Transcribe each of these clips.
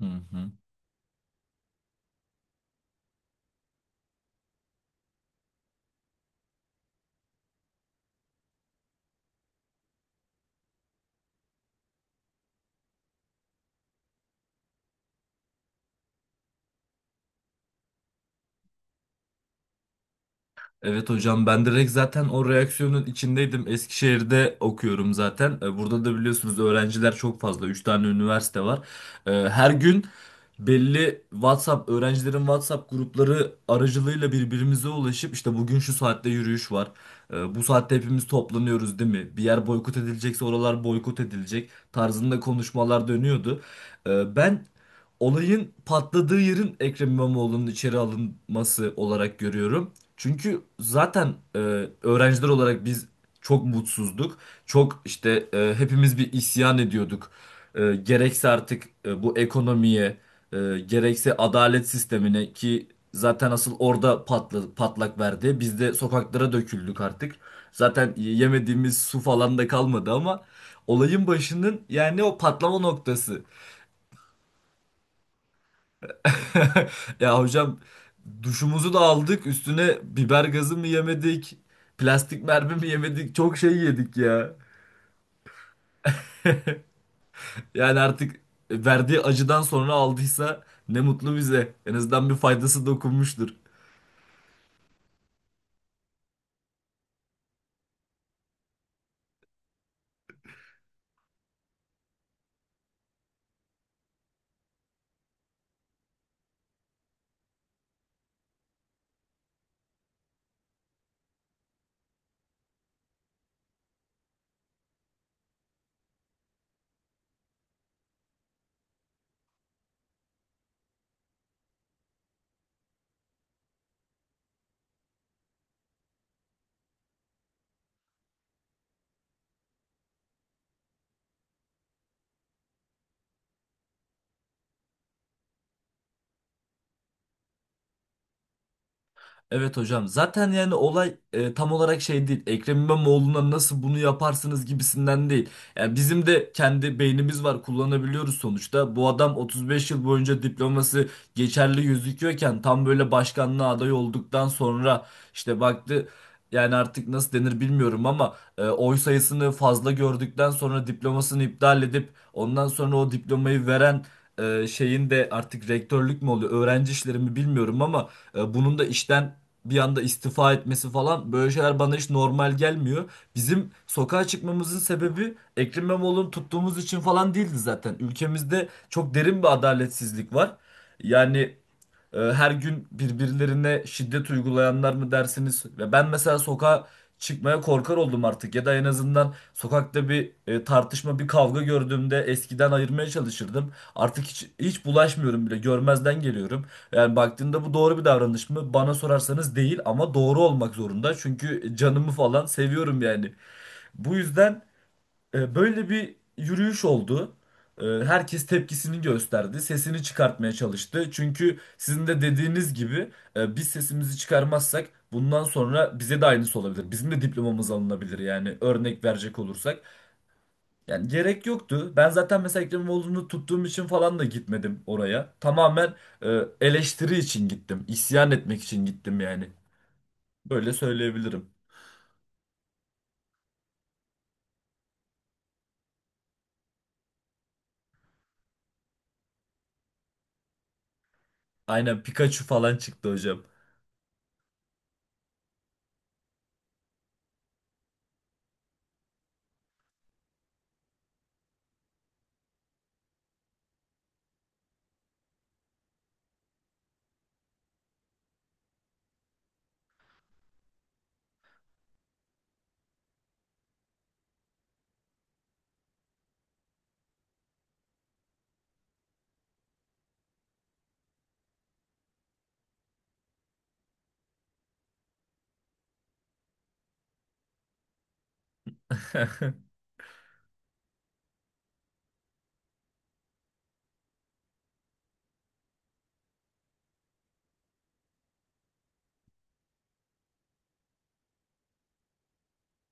Hı hı. Evet hocam, ben direkt zaten o reaksiyonun içindeydim. Eskişehir'de okuyorum zaten. Burada da biliyorsunuz öğrenciler çok fazla. 3 tane üniversite var. Her gün belli WhatsApp, öğrencilerin WhatsApp grupları aracılığıyla birbirimize ulaşıp işte bugün şu saatte yürüyüş var. Bu saatte hepimiz toplanıyoruz, değil mi? Bir yer boykot edilecekse oralar boykot edilecek tarzında konuşmalar dönüyordu. Ben olayın patladığı yerin Ekrem İmamoğlu'nun içeri alınması olarak görüyorum. Çünkü zaten öğrenciler olarak biz çok mutsuzduk. Çok işte hepimiz bir isyan ediyorduk. Gerekse artık bu ekonomiye, e, gerekse adalet sistemine ki zaten asıl orada patladı, patlak verdi. Biz de sokaklara döküldük artık. Zaten yemediğimiz su falan da kalmadı ama olayın başının yani o patlama noktası. Ya hocam, duşumuzu da aldık, üstüne biber gazı mı yemedik, plastik mermi mi yemedik, çok şey yedik ya. Yani artık verdiği acıdan sonra aldıysa ne mutlu bize, en azından bir faydası dokunmuştur. Evet hocam. Zaten yani olay tam olarak şey değil. Ekrem İmamoğlu'na nasıl bunu yaparsınız gibisinden değil. Yani bizim de kendi beynimiz var, kullanabiliyoruz sonuçta. Bu adam 35 yıl boyunca diploması geçerli gözüküyorken tam böyle başkanlığa aday olduktan sonra işte baktı yani artık nasıl denir bilmiyorum ama oy sayısını fazla gördükten sonra diplomasını iptal edip ondan sonra o diplomayı veren şeyin de artık rektörlük mü oluyor, öğrenci işleri mi bilmiyorum ama bunun da işten bir anda istifa etmesi falan, böyle şeyler bana hiç normal gelmiyor. Bizim sokağa çıkmamızın sebebi Ekrem İmamoğlu'nu tuttuğumuz için falan değildi zaten. Ülkemizde çok derin bir adaletsizlik var. Yani her gün birbirlerine şiddet uygulayanlar mı dersiniz? Ve ben mesela sokağa çıkmaya korkar oldum artık. Ya da en azından sokakta bir tartışma, bir kavga gördüğümde eskiden ayırmaya çalışırdım. Artık hiç, hiç bulaşmıyorum bile. Görmezden geliyorum. Yani baktığında bu doğru bir davranış mı? Bana sorarsanız değil ama doğru olmak zorunda. Çünkü canımı falan seviyorum yani. Bu yüzden böyle bir yürüyüş oldu. Herkes tepkisini gösterdi, sesini çıkartmaya çalıştı. Çünkü sizin de dediğiniz gibi biz sesimizi çıkarmazsak bundan sonra bize de aynısı olabilir. Bizim de diplomamız alınabilir yani, örnek verecek olursak. Yani gerek yoktu. Ben zaten mesela Ekrem İmamoğlu'nu tuttuğum için falan da gitmedim oraya. Tamamen eleştiri için gittim, isyan etmek için gittim yani. Böyle söyleyebilirim. Aynen Pikachu falan çıktı hocam.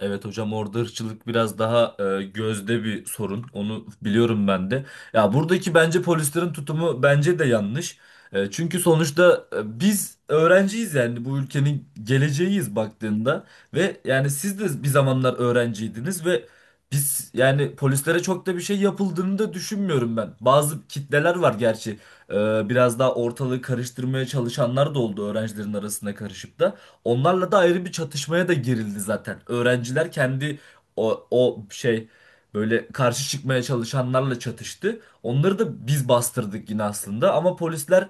Evet hocam, orada ırkçılık biraz daha gözde bir sorun. Onu biliyorum ben de. Ya buradaki bence polislerin tutumu bence de yanlış. Çünkü sonuçta biz öğrenciyiz, yani bu ülkenin geleceğiyiz baktığında ve yani siz de bir zamanlar öğrenciydiniz ve biz yani polislere çok da bir şey yapıldığını da düşünmüyorum ben. Bazı kitleler var gerçi. E, Biraz daha ortalığı karıştırmaya çalışanlar da oldu öğrencilerin arasına karışıp da. Onlarla da ayrı bir çatışmaya da girildi zaten. Öğrenciler kendi o şey, böyle karşı çıkmaya çalışanlarla çatıştı. Onları da biz bastırdık yine aslında ama polisler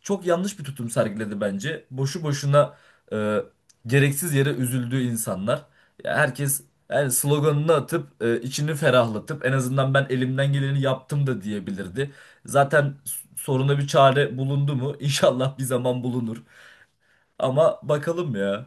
çok yanlış bir tutum sergiledi bence. Boşu boşuna e, gereksiz yere üzüldü insanlar. Ya herkes yani sloganını atıp içini ferahlatıp en azından ben elimden geleni yaptım da diyebilirdi. Zaten soruna bir çare bulundu mu? İnşallah bir zaman bulunur. Ama bakalım ya.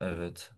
Evet.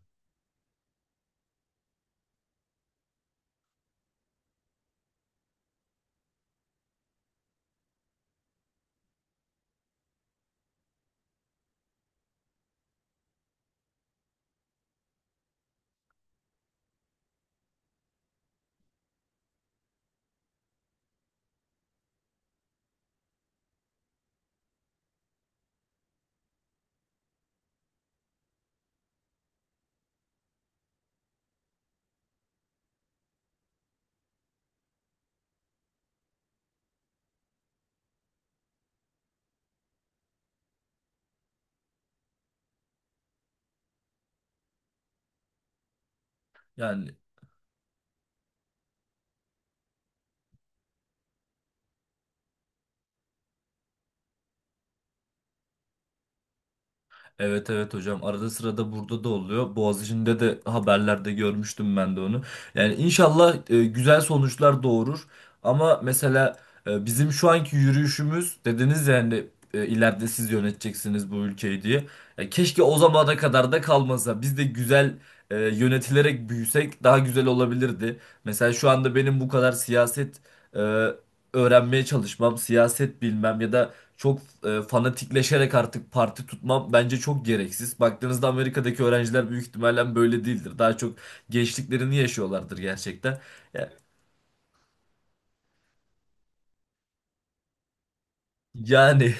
Yani, evet, evet hocam, arada sırada burada da oluyor. Boğaziçi'nde de haberlerde görmüştüm ben de onu. Yani inşallah güzel sonuçlar doğurur. Ama mesela bizim şu anki yürüyüşümüz dediniz yani ileride siz yöneteceksiniz bu ülkeyi diye. Ya keşke o zamana kadar da kalmasa. Biz de güzel yönetilerek büyüsek daha güzel olabilirdi. Mesela şu anda benim bu kadar siyaset e, öğrenmeye çalışmam, siyaset bilmem ya da çok fanatikleşerek artık parti tutmam bence çok gereksiz. Baktığınızda Amerika'daki öğrenciler büyük ihtimalle böyle değildir. Daha çok gençliklerini yaşıyorlardır gerçekten. Ya- Yani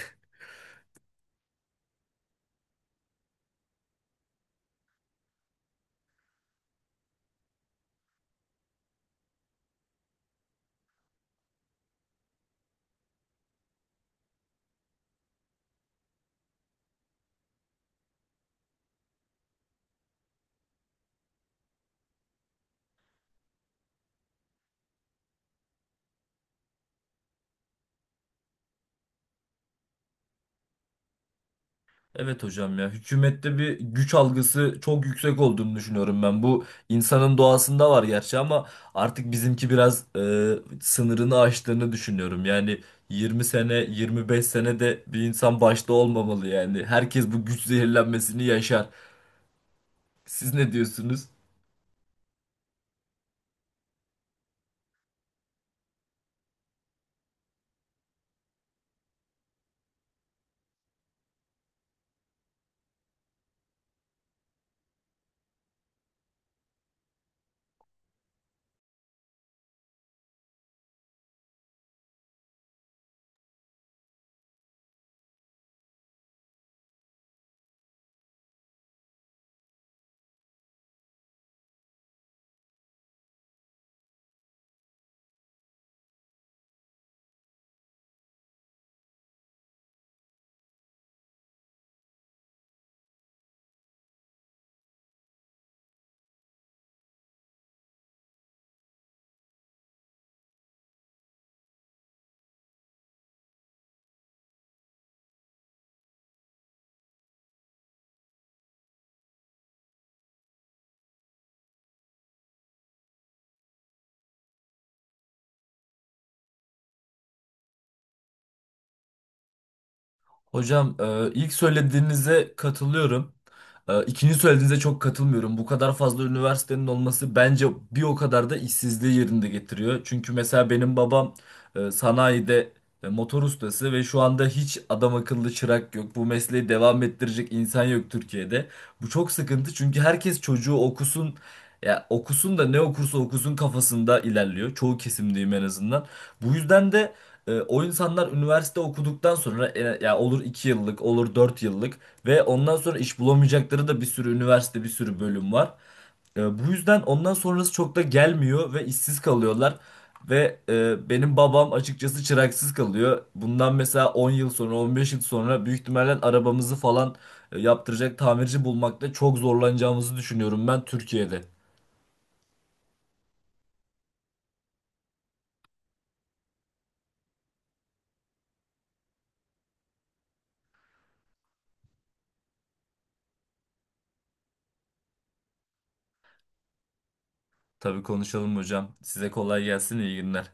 evet hocam, ya hükümette bir güç algısı çok yüksek olduğunu düşünüyorum ben. Bu insanın doğasında var gerçi ama artık bizimki biraz sınırını aştığını düşünüyorum. Yani 20 sene, 25 sene de bir insan başta olmamalı yani. Herkes bu güç zehirlenmesini yaşar. Siz ne diyorsunuz? Hocam ilk söylediğinize katılıyorum. İkinci söylediğinize çok katılmıyorum. Bu kadar fazla üniversitenin olması bence bir o kadar da işsizliği yerinde getiriyor. Çünkü mesela benim babam sanayide motor ustası ve şu anda hiç adam akıllı çırak yok. Bu mesleği devam ettirecek insan yok Türkiye'de. Bu çok sıkıntı çünkü herkes çocuğu okusun. Ya okusun da ne okursa okusun kafasında ilerliyor. Çoğu kesimdeyim en azından. Bu yüzden de o insanlar üniversite okuduktan sonra ya olur 2 yıllık olur 4 yıllık ve ondan sonra iş bulamayacakları da bir sürü üniversite, bir sürü bölüm var. Bu yüzden ondan sonrası çok da gelmiyor ve işsiz kalıyorlar. Ve benim babam açıkçası çıraksız kalıyor. Bundan mesela 10 yıl sonra, 15 yıl sonra büyük ihtimalle arabamızı falan yaptıracak tamirci bulmakta çok zorlanacağımızı düşünüyorum ben, Türkiye'de. Tabii konuşalım hocam. Size kolay gelsin, iyi günler.